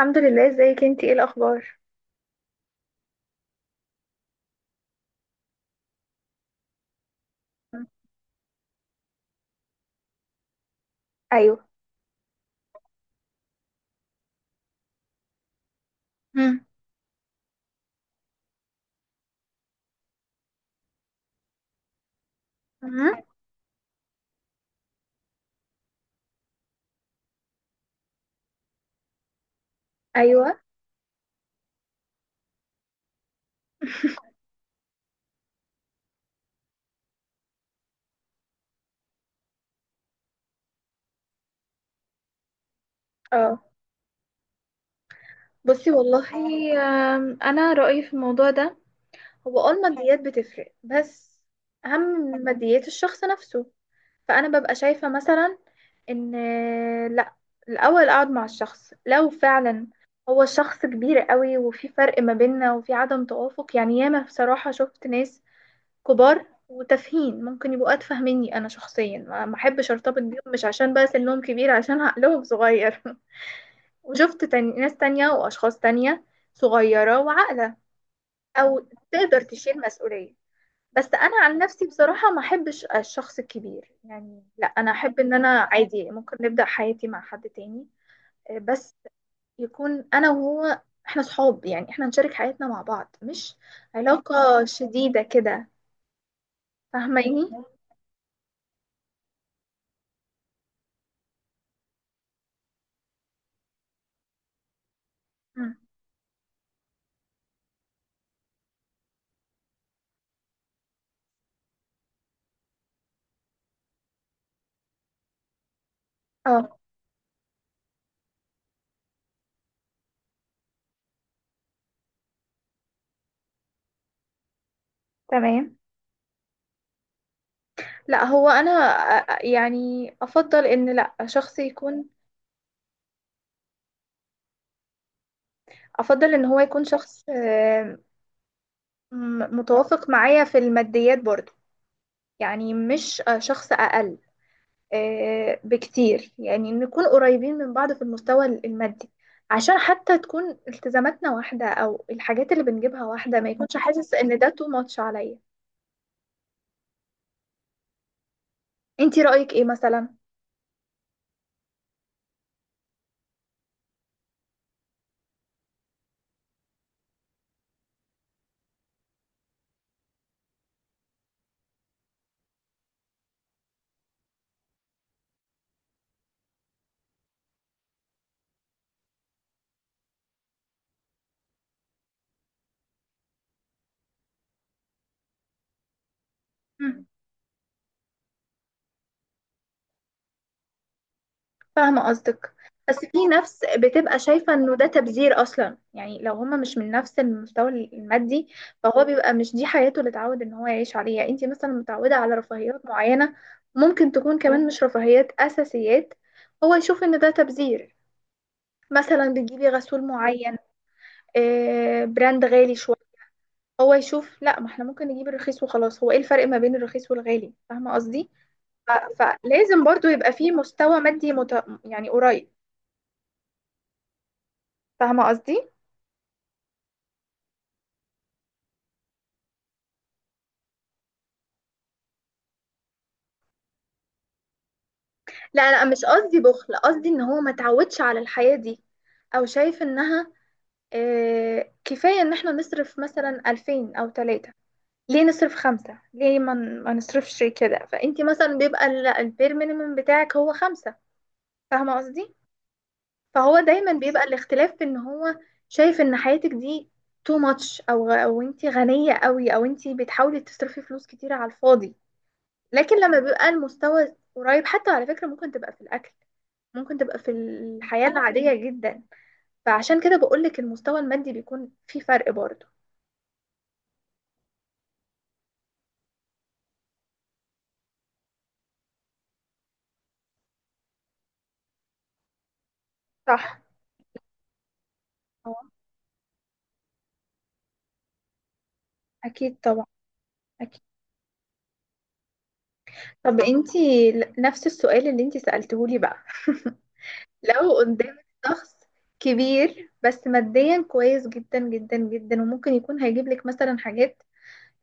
الحمد لله، ازيك انتي؟ ايه الاخبار؟ ايوه. مم. مم. ايوه. اه. بصي، والله، انا رايي في الموضوع ده. هو الماديات بتفرق، بس اهم من ماديات الشخص نفسه. فانا ببقى شايفه، مثلا، ان لا، الاول اقعد مع الشخص، لو فعلا هو شخص كبير قوي وفي فرق ما بيننا وفي عدم توافق. يعني ياما بصراحه شفت ناس كبار وتافهين، ممكن يبقوا أتفه مني. أنا شخصيا ما أحبش أرتبط بيهم، مش عشان بقى سنهم كبير، عشان عقلهم صغير. وشفت تاني ناس تانية وأشخاص تانية صغيرة وعاقلة، أو تقدر تشيل مسؤولية. بس أنا عن نفسي، بصراحة، ما أحبش الشخص الكبير، يعني لا، أنا أحب إن أنا عادي، ممكن نبدأ حياتي مع حد تاني، بس يكون أنا وهو إحنا صحاب، يعني إحنا نشارك حياتنا مع بعض، مش علاقة شديدة كده. فاهماني؟ مم. اه، تمام. لا، هو انا يعني افضل ان، لا، شخص يكون، افضل ان هو يكون شخص، متوافق معايا في الماديات برضو. يعني مش شخص اقل بكتير، يعني نكون قريبين من بعض في المستوى المادي، عشان حتى تكون التزاماتنا واحدة او الحاجات اللي بنجيبها واحدة، ما يكونش حاسس ان ده تو ماتش عليا. انتي رأيك ايه مثلا؟ فاهمة قصدك. بس في نفس، بتبقى شايفة انه ده تبذير اصلا، يعني لو هما مش من نفس المستوى المادي فهو بيبقى، مش دي حياته اللي اتعود ان هو يعيش عليها. يعني انتي مثلا متعودة على رفاهيات معينة، ممكن تكون كمان مش رفاهيات، اساسيات، هو يشوف ان ده تبذير. مثلا بتجيبي غسول معين، براند غالي شوية، هو يشوف لا، ما احنا ممكن نجيب الرخيص وخلاص، هو ايه الفرق ما بين الرخيص والغالي؟ فاهمة قصدي؟ ف- فلازم برضو يبقى في مستوى مادي يعني قريب. فاهمة قصدي؟ لا لا، مش قصدي بخل، قصدي ان هو ما تعودش على الحياة دي، او شايف انها كفاية ان احنا نصرف مثلا الفين او تلاتة، ليه نصرف خمسة، ليه ما نصرفش كده. فانتي مثلا بيبقى البير مينيمم بتاعك هو خمسة. فاهمة قصدي؟ فهو دايما بيبقى الاختلاف في ان هو شايف ان حياتك دي تو ماتش، او انتي غنية قوي، او انتي بتحاولي تصرفي فلوس كتير على الفاضي. لكن لما بيبقى المستوى قريب، حتى على فكرة ممكن تبقى في الاكل، ممكن تبقى في الحياة العادية جدا. فعشان كده بقولك المستوى المادي بيكون في فرق برضه. صح. اه. أكيد طبعا، أكيد. طب انتي نفس السؤال اللي انتي سألتهولي بقى. لو قدامك شخص كبير، بس ماديا كويس جدا جدا جدا، وممكن يكون هيجيب لك مثلا حاجات،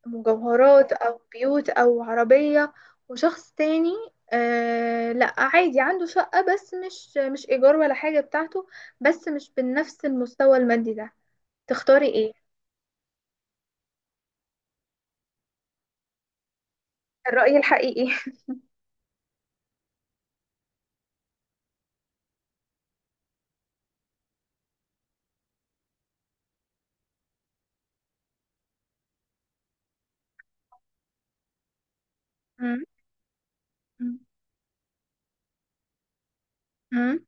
مجوهرات أو بيوت أو عربية. وشخص تاني، آه، لا، عادي، عنده شقة بس، مش إيجار ولا حاجة، بتاعته، بس مش بنفس المستوى المادي ده. تختاري ايه؟ الرأي الحقيقي. مم. مم. مم.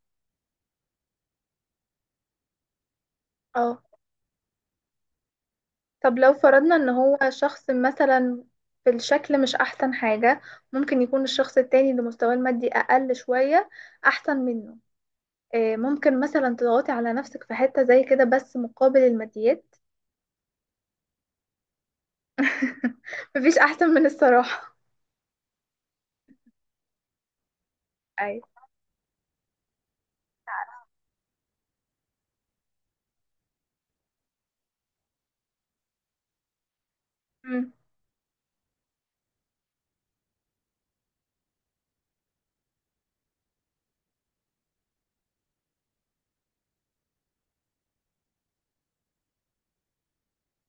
اه. طب لو فرضنا ان هو شخص مثلا في الشكل مش احسن حاجة، ممكن يكون الشخص التاني اللي مستواه المادي اقل شوية احسن منه. ممكن مثلا تضغطي على نفسك في حتة زي كده، بس مقابل الماديات. مفيش أحسن من الصراحة. اي. مم.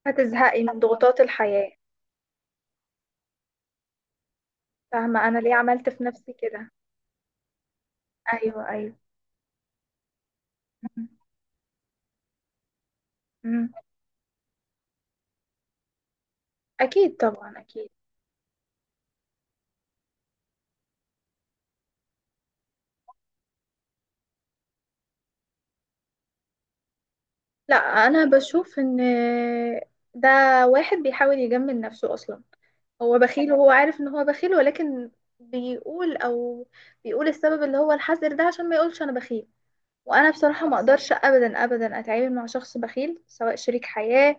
هتزهقي من ضغوطات الحياة. فاهمة أنا ليه عملت في نفسي كده. ايوه، ايوه. مم. مم. أكيد طبعا، أكيد. لا، أنا بشوف إن ده واحد بيحاول يجمل نفسه أصلا. هو بخيل، وهو عارف إن هو بخيل، ولكن بيقول، أو بيقول السبب اللي هو الحذر ده عشان ما يقولش أنا بخيل. وانا بصراحه ما اقدرش ابدا ابدا اتعامل مع شخص بخيل، سواء شريك حياه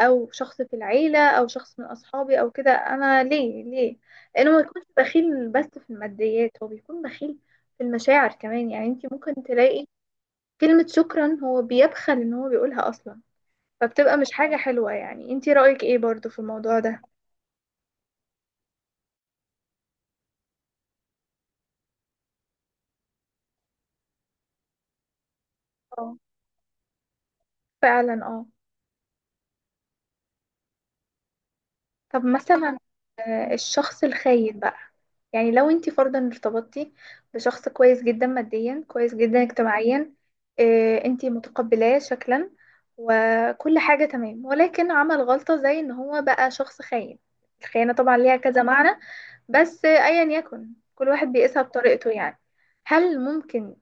او شخص في العيله او شخص من اصحابي او كده. انا ليه ليه؟ لانه ما يكونش بخيل بس في الماديات، هو بيكون بخيل في المشاعر كمان. يعني انت ممكن تلاقي كلمه شكرا هو بيبخل ان هو بيقولها اصلا. فبتبقى مش حاجه حلوه. يعني انت رايك ايه برضو في الموضوع ده؟ اه، فعلا، اه. طب مثلا الشخص الخاين بقى، يعني لو انت فرضا ارتبطتي بشخص كويس جدا ماديا، كويس جدا اجتماعيا، اه، انت متقبلاه شكلا، وكل حاجة تمام، ولكن عمل غلطة زي ان هو بقى شخص خاين. الخيانة طبعا ليها كذا معنى، بس ايا يكن، كل واحد بيقيسها بطريقته، يعني هل ممكن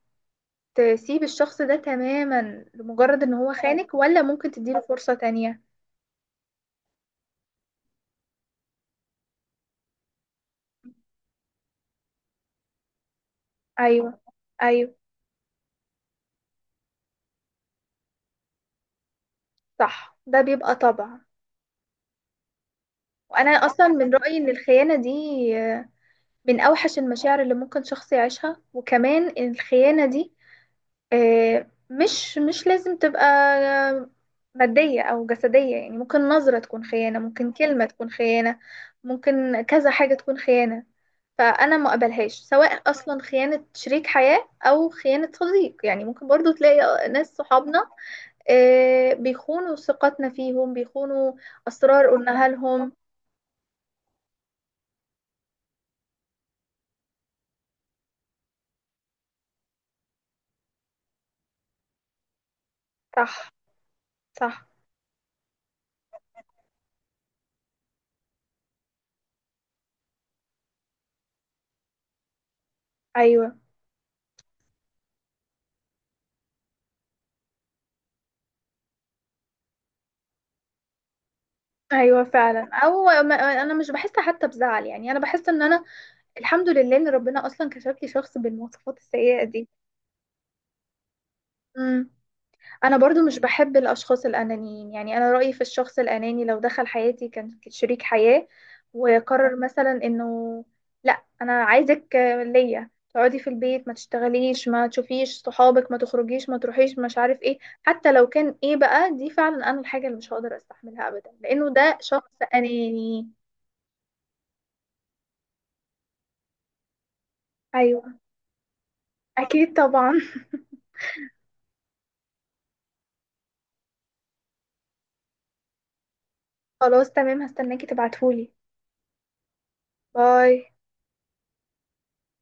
تسيب الشخص ده تماما لمجرد ان هو خانك، ولا ممكن تديله فرصة تانية؟ ايوه، ايوه. صح، ده بيبقى طبع. وانا اصلا من رايي ان الخيانه دي آه، من اوحش المشاعر اللي ممكن شخص يعيشها. وكمان الخيانه دي مش لازم تبقى آه، ماديه او جسديه. يعني ممكن نظره تكون خيانه، ممكن كلمه تكون خيانه، ممكن كذا حاجه تكون خيانه. فانا ما اقبلهاش، سواء اصلا خيانه شريك حياه او خيانه صديق. يعني ممكن برضو تلاقي ناس صحابنا بيخونوا ثقتنا فيهم، بيخونوا اسرار قلناها لهم. صح، صح. ايوه، ايوه، فعلا. او ما، انا مش بحس حتى بزعل. يعني انا بحس ان انا الحمد لله ان ربنا اصلا كشف لي شخص بالمواصفات السيئه دي. امم. انا برضو مش بحب الاشخاص الانانيين. يعني انا رايي في الشخص الاناني لو دخل حياتي كان شريك حياه، وقرر مثلا انه لا، انا عايزك ليا، تقعدي في البيت، ما تشتغليش، ما تشوفيش صحابك، ما تخرجيش، ما تروحيش، مش عارف ايه، حتى لو كان ايه بقى، دي فعلا انا الحاجه اللي مش هقدر استحملها ابدا، لانه ده شخص اناني. ايوه. اكيد طبعا. خلاص، تمام، هستناكي تبعتهولي. باي.